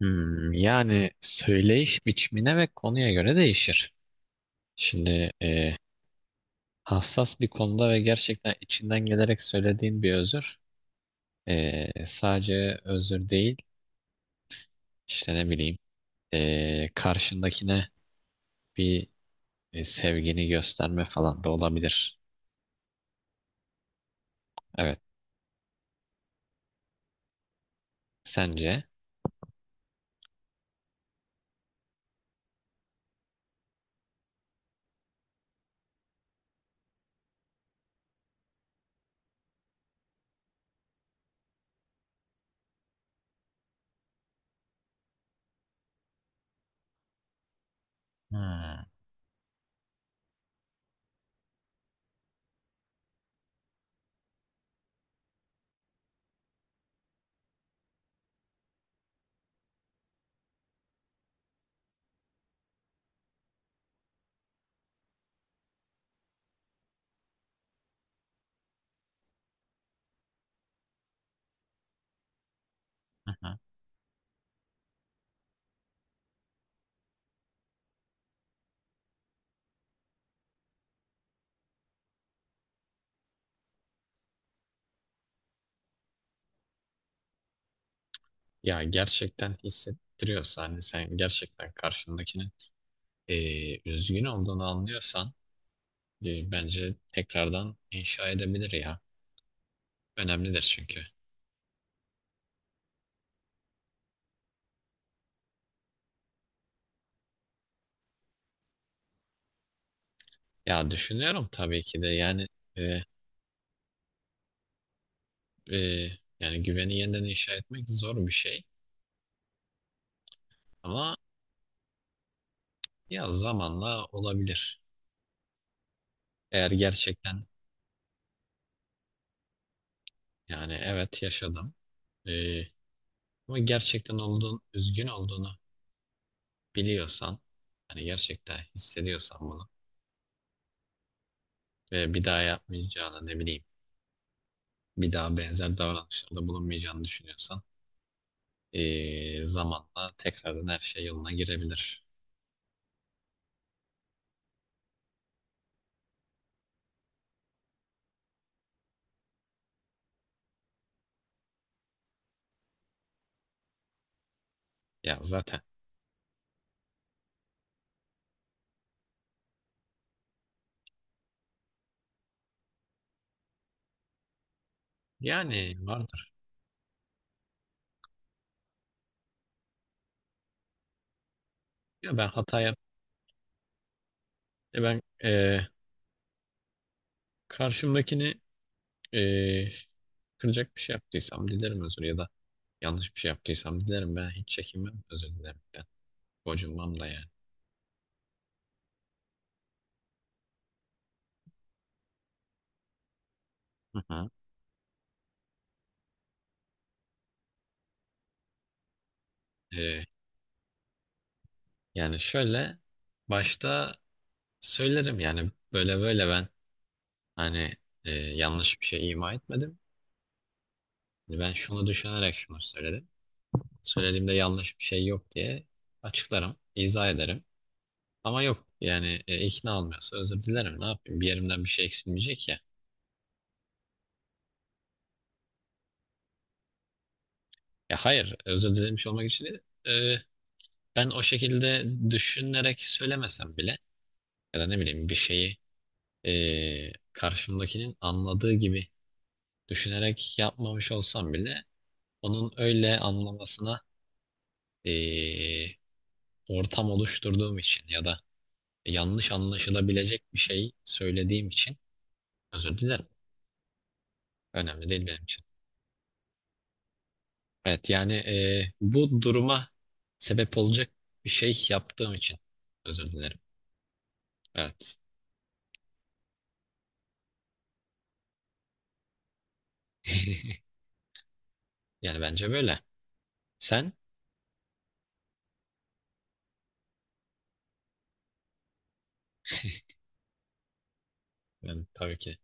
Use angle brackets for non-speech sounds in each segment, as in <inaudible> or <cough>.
Yani söyleyiş biçimine ve konuya göre değişir. Şimdi hassas bir konuda ve gerçekten içinden gelerek söylediğin bir özür, sadece özür değil, işte ne bileyim, karşındakine bir sevgini gösterme falan da olabilir. Evet. Sence? Hmm, hı hı. Ya gerçekten hissettiriyorsa, hani sen gerçekten karşındakinin üzgün olduğunu anlıyorsan, bence tekrardan inşa edebilir ya. Önemlidir çünkü. Ya düşünüyorum tabii ki de, yani e, e, yani güveni yeniden inşa etmek zor bir şey ama ya zamanla olabilir. Eğer gerçekten, yani evet yaşadım, e, ama gerçekten olduğun üzgün olduğunu biliyorsan, hani gerçekten hissediyorsan bunu ve bir daha yapmayacağını, ne bileyim, bir daha benzer davranışlarda bulunmayacağını düşünüyorsan, zamanla tekrardan her şey yoluna girebilir. Ya zaten yani vardır. Ya ben hata ben karşımdakini, e, kıracak bir şey yaptıysam dilerim özür, ya da yanlış bir şey yaptıysam dilerim, ben hiç çekinmem özür dilemekten. Gocunmam da yani. Hı hı. E, Yani şöyle, başta söylerim yani, böyle böyle ben, hani, yanlış bir şey ima etmedim. Hani ben şunu düşünerek şunu söyledim. Söylediğimde yanlış bir şey yok diye açıklarım, izah ederim. Ama yok yani, ikna olmuyorsa özür dilerim, ne yapayım, bir yerimden bir şey eksilmeyecek ya. Ya hayır, özür dilemiş olmak için değil. Ee, Ben o şekilde düşünerek söylemesem bile, ya da ne bileyim, bir şeyi karşımdakinin anladığı gibi düşünerek yapmamış olsam bile, onun öyle anlamasına ee, ortam oluşturduğum için, ya da yanlış anlaşılabilecek bir şey söylediğim için özür dilerim. Önemli değil benim için. Evet yani, bu duruma sebep olacak bir şey yaptığım için özür dilerim. Evet. <laughs> Yani bence böyle. Sen? Yani tabii ki.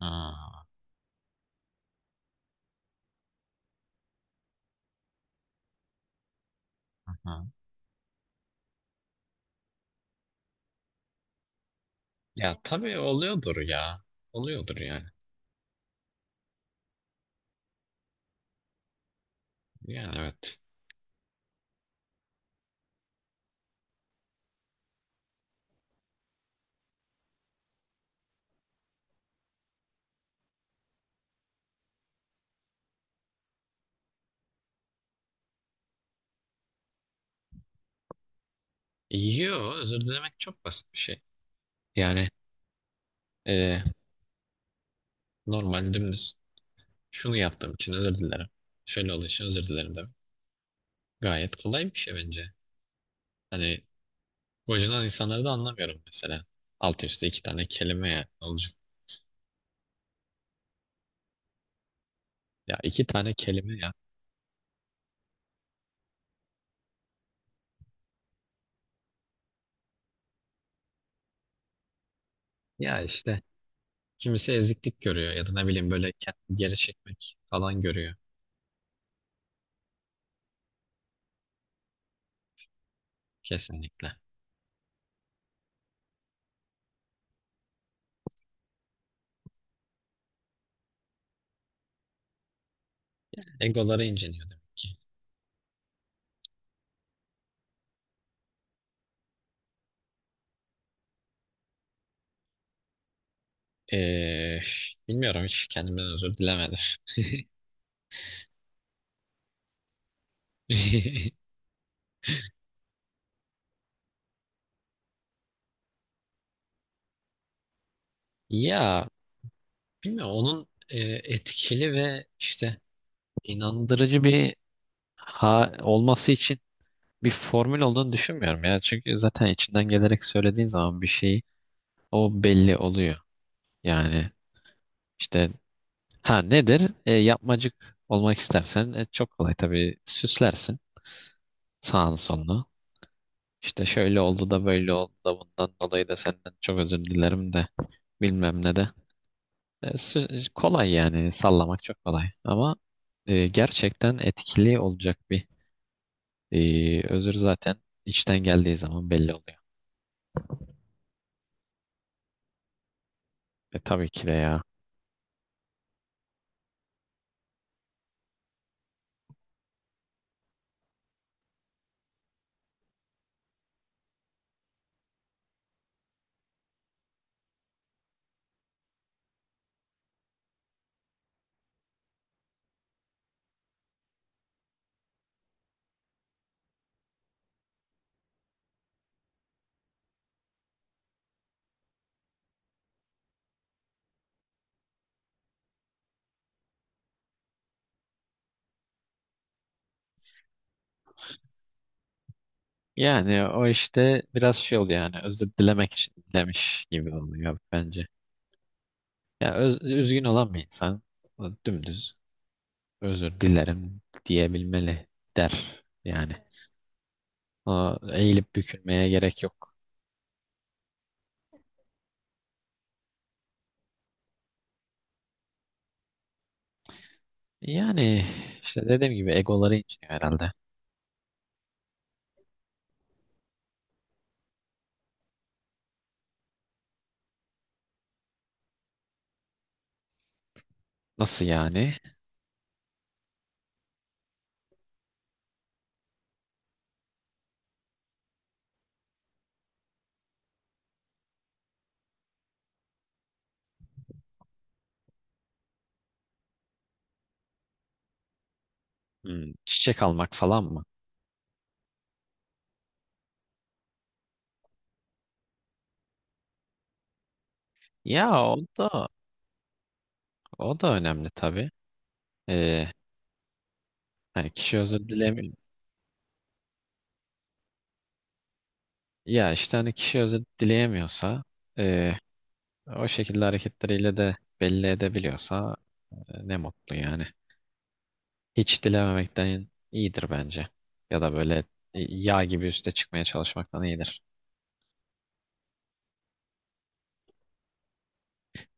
Aa, ha. Ya tabii oluyordur ya. Oluyordur yani. Yani evet. Yo, özür dilemek çok basit bir şey. Yani e, normal, dümdüz, şunu yaptığım için özür dilerim, şöyle olduğu için özür dilerim demek. Gayet kolay bir şey bence. Hani gocunan insanları da anlamıyorum mesela. Alt üstte iki tane kelime ya olacak. Ya iki tane kelime ya. Ya işte kimisi eziklik görüyor, ya da ne bileyim, böyle kendini geri çekmek falan görüyor. Kesinlikle. Egoları inciniyordum. Ee, Bilmiyorum, hiç kendimden özür dilemedim. <laughs> Ya bilmiyorum, onun etkili ve işte inandırıcı bir ha olması için bir formül olduğunu düşünmüyorum ya. Çünkü zaten içinden gelerek söylediğin zaman bir şey, o belli oluyor. Yani işte ha nedir? Yapmacık olmak istersen, çok kolay, tabii süslersin sağını solunu. İşte şöyle oldu da böyle oldu da bundan dolayı da senden çok özür dilerim de bilmem ne de. E, s- Kolay yani, sallamak çok kolay, ama gerçekten etkili olacak bir özür zaten içten geldiği zaman belli oluyor. Tabii ki de ya. Yani o işte biraz şey oluyor, yani özür dilemek için dilemiş gibi oluyor bence. Üzgün olan bir insan dümdüz özür dilerim diyebilmeli, der yani. Aa, eğilip bükülmeye gerek yok. Yani işte dediğim gibi egoları inciniyor herhalde. Nasıl yani? Çiçek almak falan mı? Ya o da, o da önemli tabii. Ee, Hani kişi özür dilemiyor. Ya işte hani kişi özür dileyemiyorsa, ee, o şekilde hareketleriyle de belli edebiliyorsa, ne mutlu yani. Hiç dilememekten iyidir bence. Ya da böyle yağ gibi üste çıkmaya çalışmaktan iyidir.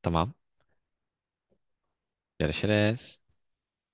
Tamam. Görüşürüz.